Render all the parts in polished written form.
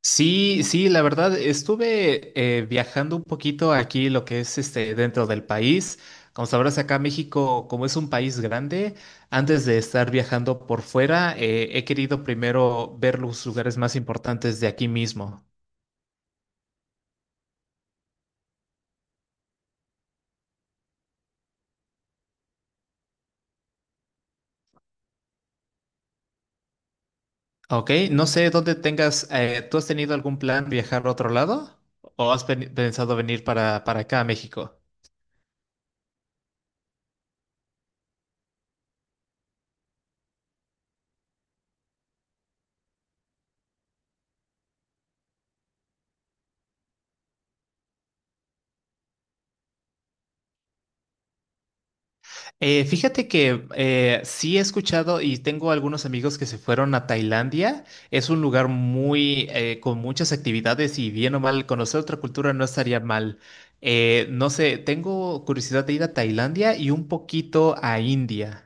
Sí, sí, la verdad, estuve viajando un poquito aquí, lo que es este, dentro del país. Como sabrás, acá México, como es un país grande, antes de estar viajando por fuera, he querido primero ver los lugares más importantes de aquí mismo. ¿Ok? No sé dónde tengas, ¿tú has tenido algún plan viajar a otro lado? ¿O has pensado venir para acá a México? Fíjate que sí he escuchado y tengo algunos amigos que se fueron a Tailandia. Es un lugar muy con muchas actividades y bien o mal conocer otra cultura no estaría mal. No sé, tengo curiosidad de ir a Tailandia y un poquito a India.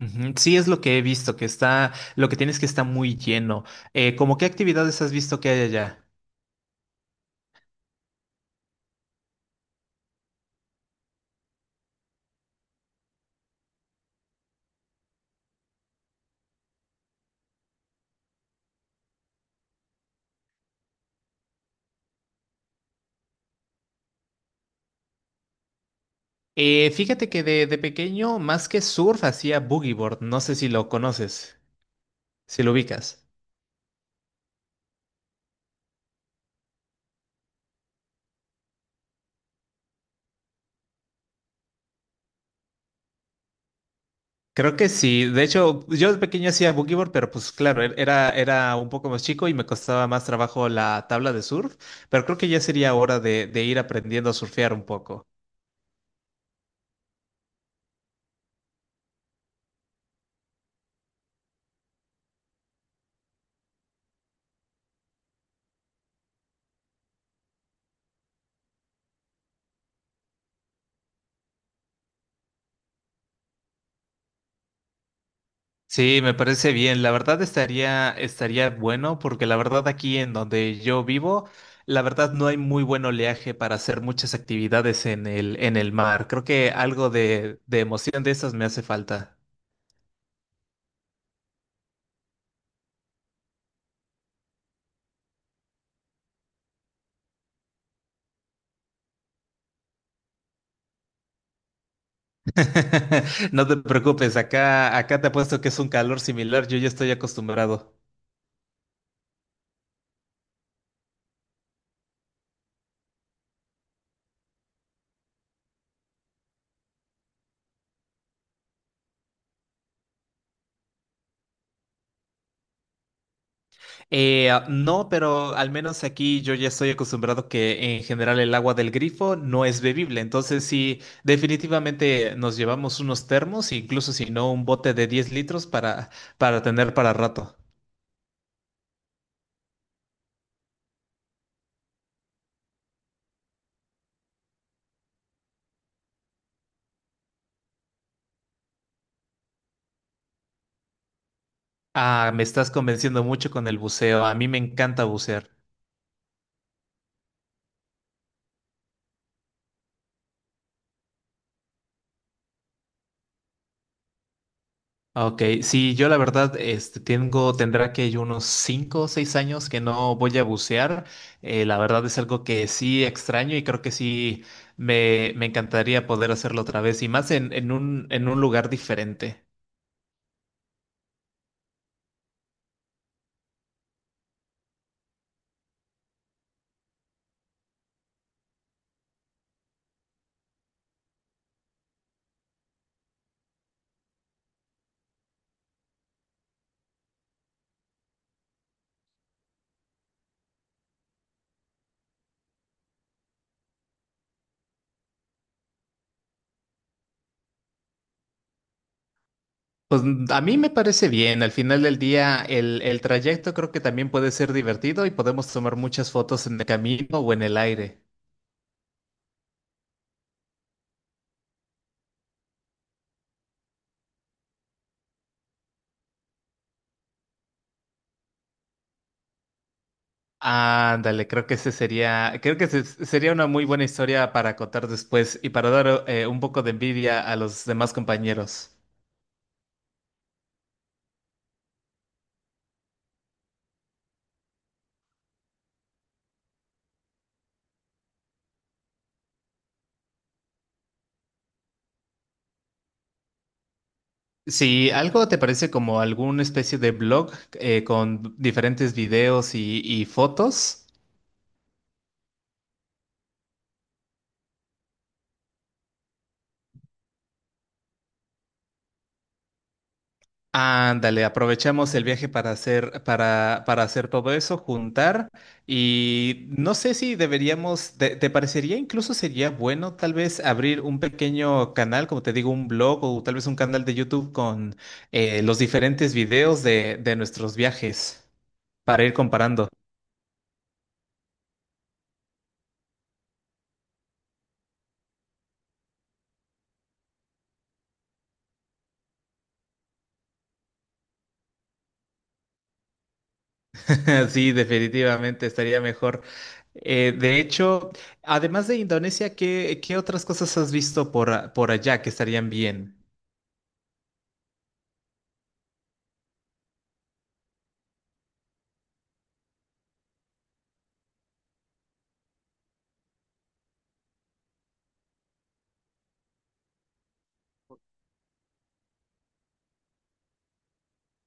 Ujú, sí, es lo que he visto, que está, lo que tienes que está muy lleno. ¿Cómo qué actividades has visto que hay allá? Fíjate que de pequeño, más que surf, hacía boogie board. No sé si lo conoces, si lo ubicas. Creo que sí. De hecho, yo de pequeño hacía boogie board, pero pues claro, era un poco más chico y me costaba más trabajo la tabla de surf, pero creo que ya sería hora de ir aprendiendo a surfear un poco. Sí, me parece bien. La verdad estaría bueno porque la verdad aquí en donde yo vivo, la verdad no hay muy buen oleaje para hacer muchas actividades en el mar. Creo que algo de emoción de esas me hace falta. No te preocupes, acá, acá te apuesto que es un calor similar, yo ya estoy acostumbrado. No, pero al menos aquí yo ya estoy acostumbrado que en general el agua del grifo no es bebible, entonces sí, definitivamente nos llevamos unos termos, incluso si no un bote de 10 litros para tener para rato. Ah, me estás convenciendo mucho con el buceo, a mí me encanta bucear. Ok, sí, yo la verdad este, tengo, tendrá que yo unos 5, o 6 años que no voy a bucear. La verdad es algo que sí extraño y creo que sí me encantaría poder hacerlo otra vez y más en un lugar diferente. Pues a mí me parece bien, al final del día el trayecto creo que también puede ser divertido y podemos tomar muchas fotos en el camino o en el aire. Ándale, creo que ese sería una muy buena historia para contar después y para dar un poco de envidia a los demás compañeros. Si algo te parece como alguna especie de blog, con diferentes videos y fotos. Ándale, aprovechamos el viaje para hacer, para hacer todo eso, juntar, y no sé si deberíamos, te parecería incluso sería bueno tal vez abrir un pequeño canal, como te digo, un blog o tal vez un canal de YouTube con los diferentes videos de nuestros viajes para ir comparando. Sí, definitivamente estaría mejor. De hecho, además de Indonesia, ¿qué otras cosas has visto por, por allá que estarían bien?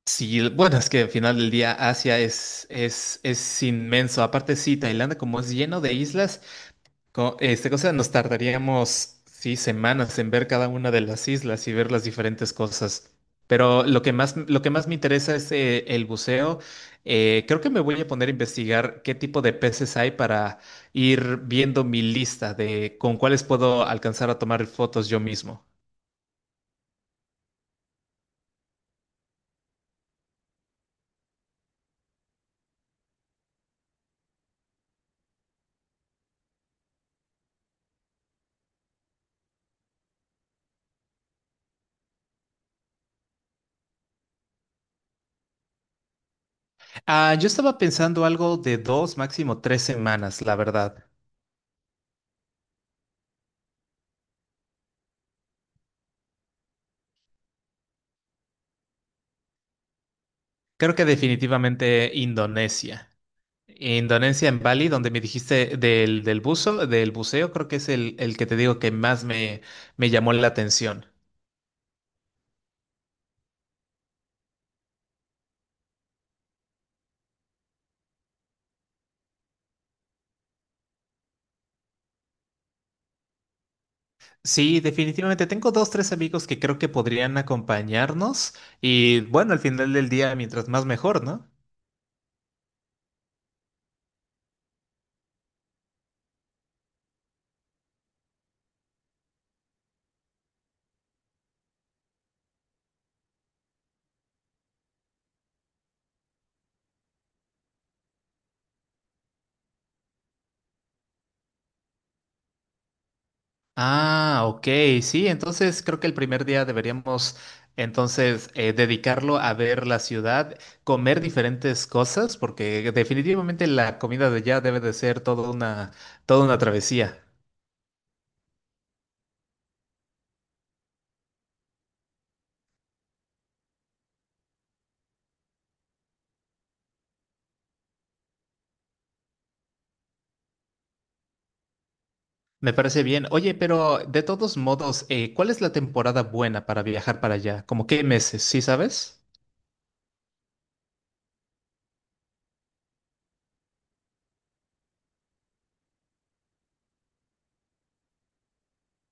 Sí, bueno, es que al final del día Asia es inmenso. Aparte, sí, Tailandia, como es lleno de islas, este cosa nos tardaríamos, sí, semanas en ver cada una de las islas y ver las diferentes cosas. Pero lo que más me interesa es, el buceo. Creo que me voy a poner a investigar qué tipo de peces hay para ir viendo mi lista de con cuáles puedo alcanzar a tomar fotos yo mismo. Ah, yo estaba pensando algo de dos, máximo tres semanas, la verdad. Creo que definitivamente Indonesia. Indonesia en Bali, donde me dijiste del buzo, del buceo, creo que es el que te digo que más me, me llamó la atención. Sí, definitivamente. Tengo dos, tres amigos que creo que podrían acompañarnos y bueno, al final del día, mientras más mejor, ¿no? Ah, ok, sí, entonces creo que el primer día deberíamos entonces dedicarlo a ver la ciudad, comer diferentes cosas, porque definitivamente la comida de allá debe de ser toda una travesía. Me parece bien. Oye, pero de todos modos, ¿cuál es la temporada buena para viajar para allá? ¿Cómo qué meses? ¿Sí sabes?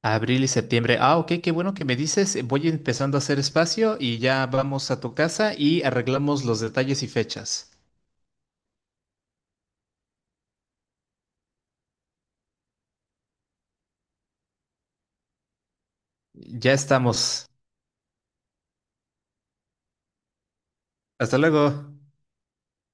Abril y septiembre. Ah, ok, qué bueno que me dices. Voy empezando a hacer espacio y ya vamos a tu casa y arreglamos los detalles y fechas. Ya estamos. Hasta luego.